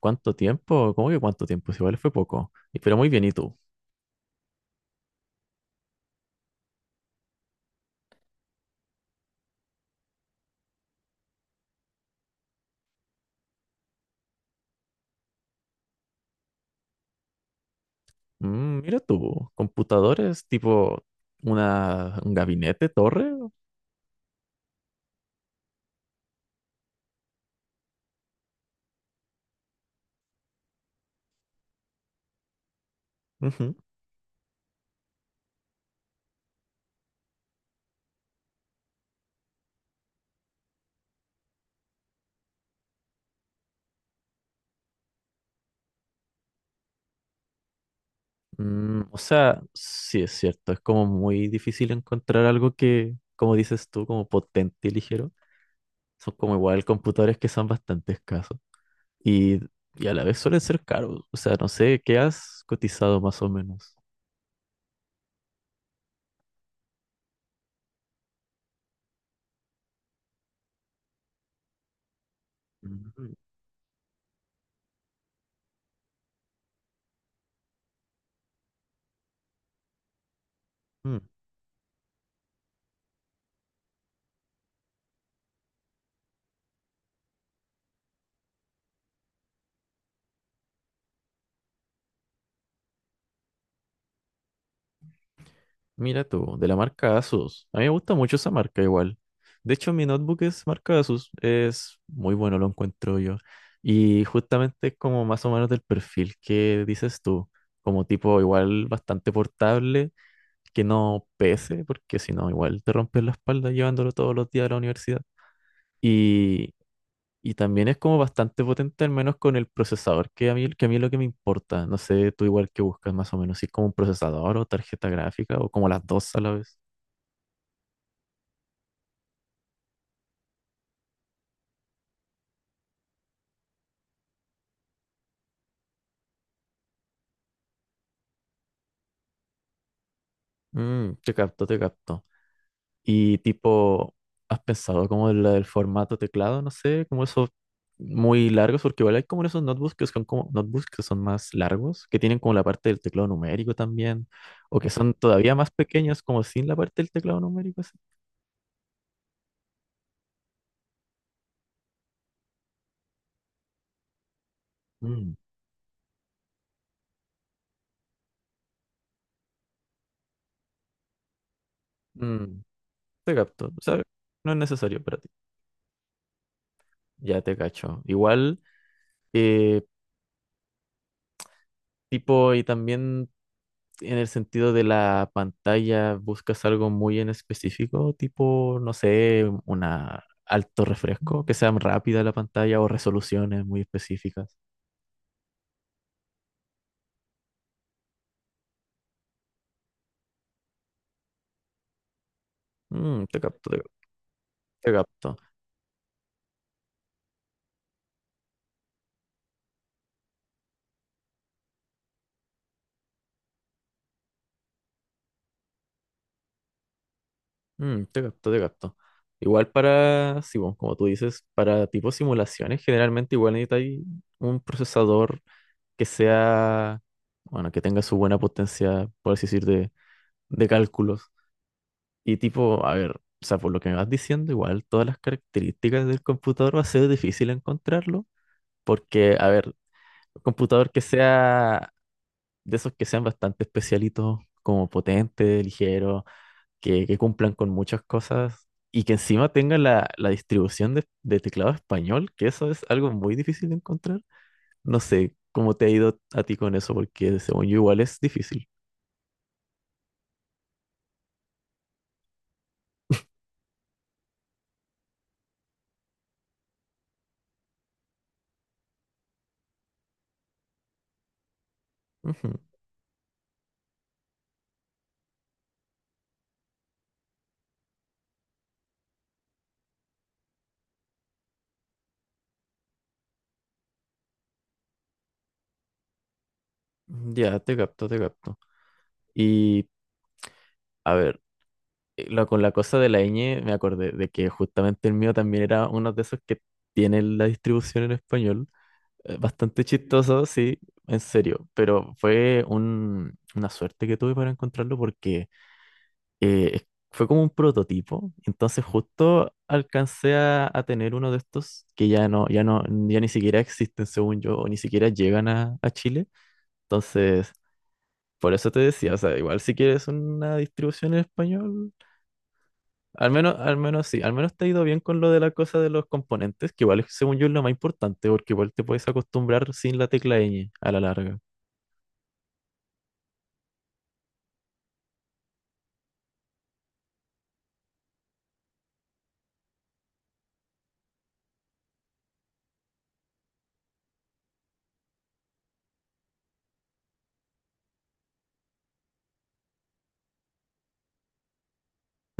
¿Cuánto tiempo? ¿Cómo que cuánto tiempo? Si igual fue poco. Pero muy bien, ¿y tú? Mira tú, computadores tipo un gabinete, torre. Ujú. O sea, sí es cierto, es como muy difícil encontrar algo que, como dices tú, como potente y ligero. Son como igual computadores que son bastante escasos. Y, y a la vez suelen ser caros. O sea, no sé, ¿qué has cotizado más o menos? Mm. Mm. Mira tú, de la marca Asus. A mí me gusta mucho esa marca igual. De hecho, mi notebook es marca Asus. Es muy bueno, lo encuentro yo. Y justamente es como más o menos del perfil que dices tú. Como tipo igual bastante portable, que no pese, porque si no, igual te rompes la espalda llevándolo todos los días a la universidad. Y, y también es como bastante potente, al menos con el procesador, que a mí es lo que me importa. No sé, tú igual que buscas más o menos, si es como un procesador o tarjeta gráfica o como las dos a la vez. Mm, te capto, te capto. Y tipo, ¿has pensado como en la del formato teclado? No sé, como esos muy largos, porque igual hay como esos notebooks que son como notebooks que son más largos, que tienen como la parte del teclado numérico también, o que son todavía más pequeños, como sin la parte del teclado numérico, así. Mm. Mm, te capto. O sea, no es necesario para ti. Ya te cacho. Igual, eh, tipo, y también en el sentido de la pantalla, buscas algo muy en específico, tipo, no sé, una alto refresco, que sea rápida la pantalla o resoluciones muy específicas. Mm, te capto, te capto. Mm, te capto, te capto. Igual para, sí, bueno, como tú dices, para tipo simulaciones, generalmente igual necesitas un procesador que sea, bueno, que tenga su buena potencia, por así decir, de cálculos. Y tipo, a ver, o sea, por lo que me vas diciendo, igual todas las características del computador va a ser difícil encontrarlo, porque, a ver, un computador que sea de esos que sean bastante especialitos, como potente, ligero, que cumplan con muchas cosas y que encima tenga la distribución de teclado español, que eso es algo muy difícil de encontrar. No sé cómo te ha ido a ti con eso, porque según yo igual es difícil. Ujú. Ya, te capto, te capto. Y, a ver. Con la cosa de la ñ me acordé de que justamente el mío también era uno de esos que tiene la distribución en español. Bastante chistoso, sí, en serio, pero fue una suerte que tuve para encontrarlo porque fue como un prototipo, entonces justo alcancé a tener uno de estos que ya no, ya ni siquiera existen según yo, o ni siquiera llegan a Chile, entonces por eso te decía, o sea, igual si quieres una distribución en español. Al menos sí, al menos te ha ido bien con lo de la cosa de los componentes, que igual es, según yo es lo más importante, porque igual te puedes acostumbrar sin la tecla ñ a la larga.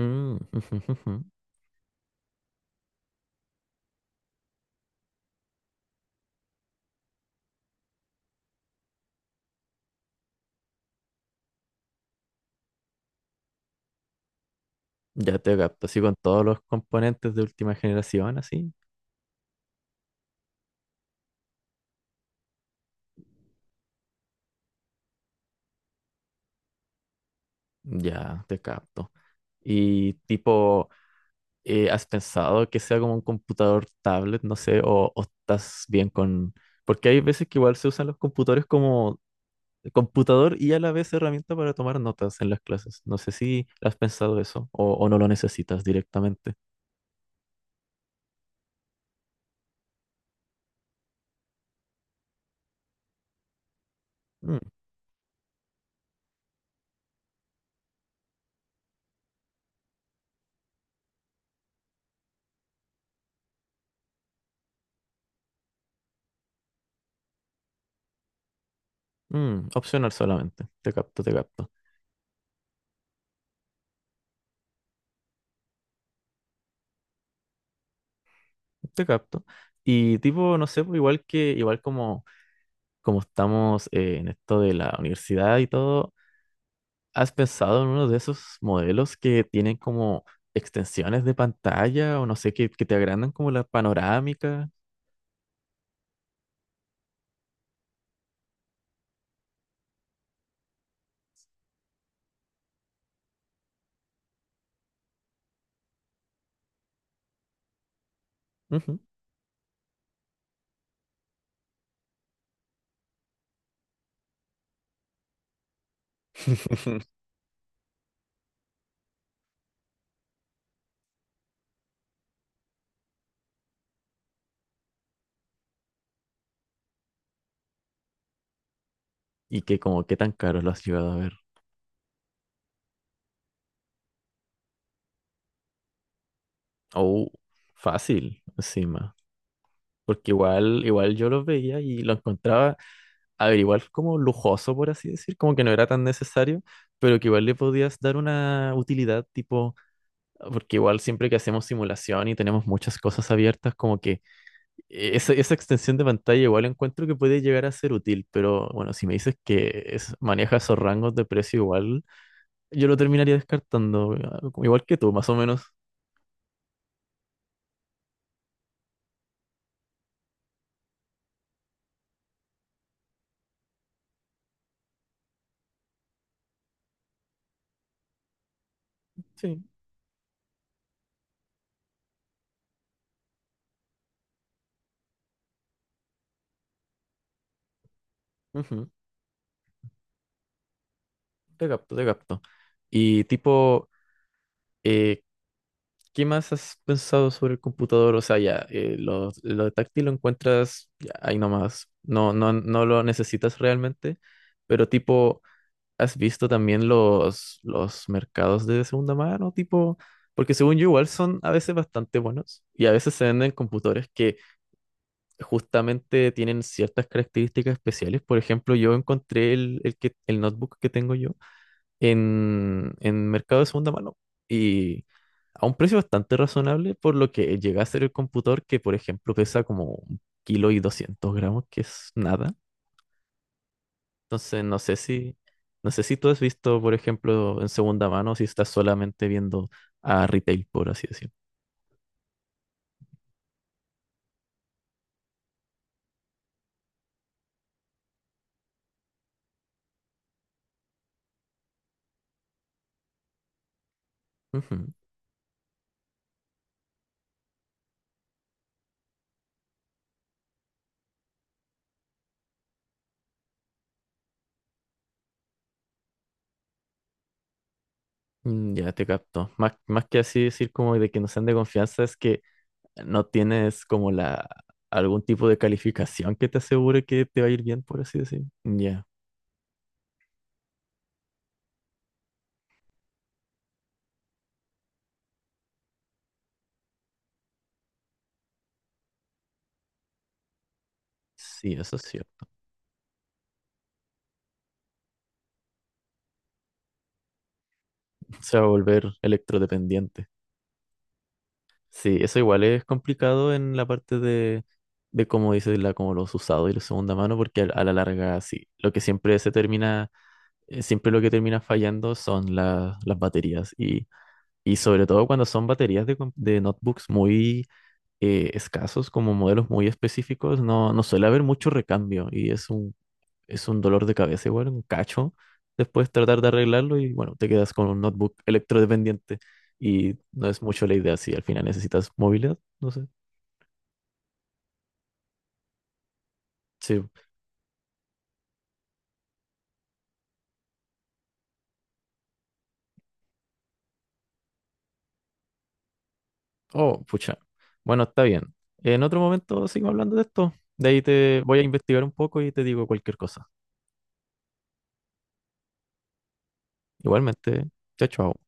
Mm, ujú, ujú. Ya te capto, así con todos los componentes de última generación, así. Ya te capto. Y tipo, ¿has pensado que sea como un computador tablet, no sé, o estás bien con... Porque hay veces que igual se usan los computadores como computador y a la vez herramienta para tomar notas en las clases. No sé si has pensado eso o no lo necesitas directamente. Mm. Mm, opcional solamente. Te capto, te capto, te capto. Y tipo, no sé, pues, igual que, igual como, como estamos en esto de la universidad y todo, ¿has pensado en uno de esos modelos que tienen como extensiones de pantalla o no sé, que te agrandan como la panorámica? Ujú. Y que como qué tan caro lo has llegado a ver. Oh, fácil, encima. Porque igual yo los veía y lo encontraba, a ver, igual como lujoso, por así decir, como que no era tan necesario, pero que igual le podías dar una utilidad, tipo, porque igual siempre que hacemos simulación y tenemos muchas cosas abiertas, como que esa extensión de pantalla igual encuentro que puede llegar a ser útil, pero bueno, si me dices que maneja esos rangos de precio igual, yo lo terminaría descartando, igual que tú, más o menos. Sí. Te capto, te capto. Y tipo, eh, ¿qué más has pensado sobre el computador? O sea, ya, lo táctil lo encuentras ya, ahí nomás. No lo necesitas realmente, pero tipo, ¿has visto también los mercados de segunda mano? Tipo, porque según yo igual son a veces bastante buenos y a veces se venden computadores que justamente tienen ciertas características especiales. Por ejemplo, yo encontré el notebook que tengo yo en mercado de segunda mano y a un precio bastante razonable, por lo que llega a ser el computador que, por ejemplo, pesa como un kilo y 200 gramos, que es nada. Entonces, no sé si, no sé si tú has visto, por ejemplo, en segunda mano, si estás solamente viendo a retail, por así decirlo. Ujú. Mm. Ya te capto. Más, más que así decir como de que no sean de confianza, es que no tienes como la algún tipo de calificación que te asegure que te va a ir bien, por así decir. Ya. Sí, eso sí. Se va a volver electrodependiente. Sí, eso igual es complicado en la parte de cómo dices la, como los usados y la segunda mano, porque a la larga sí. Lo que siempre se termina, siempre lo que termina fallando son las baterías. Y sobre todo cuando son baterías de, de notebooks muy escasos, como modelos muy específicos, no suele haber mucho recambio. Y es un dolor de cabeza igual, un cacho. Después tratar de arreglarlo y bueno, te quedas con un notebook electrodependiente y no es mucho la idea si al final necesitas movilidad, no sé. Sí. Oh, pucha. Bueno, está bien. En otro momento sigo hablando de esto. De ahí te voy a investigar un poco y te digo cualquier cosa. Igualmente, chao, chao.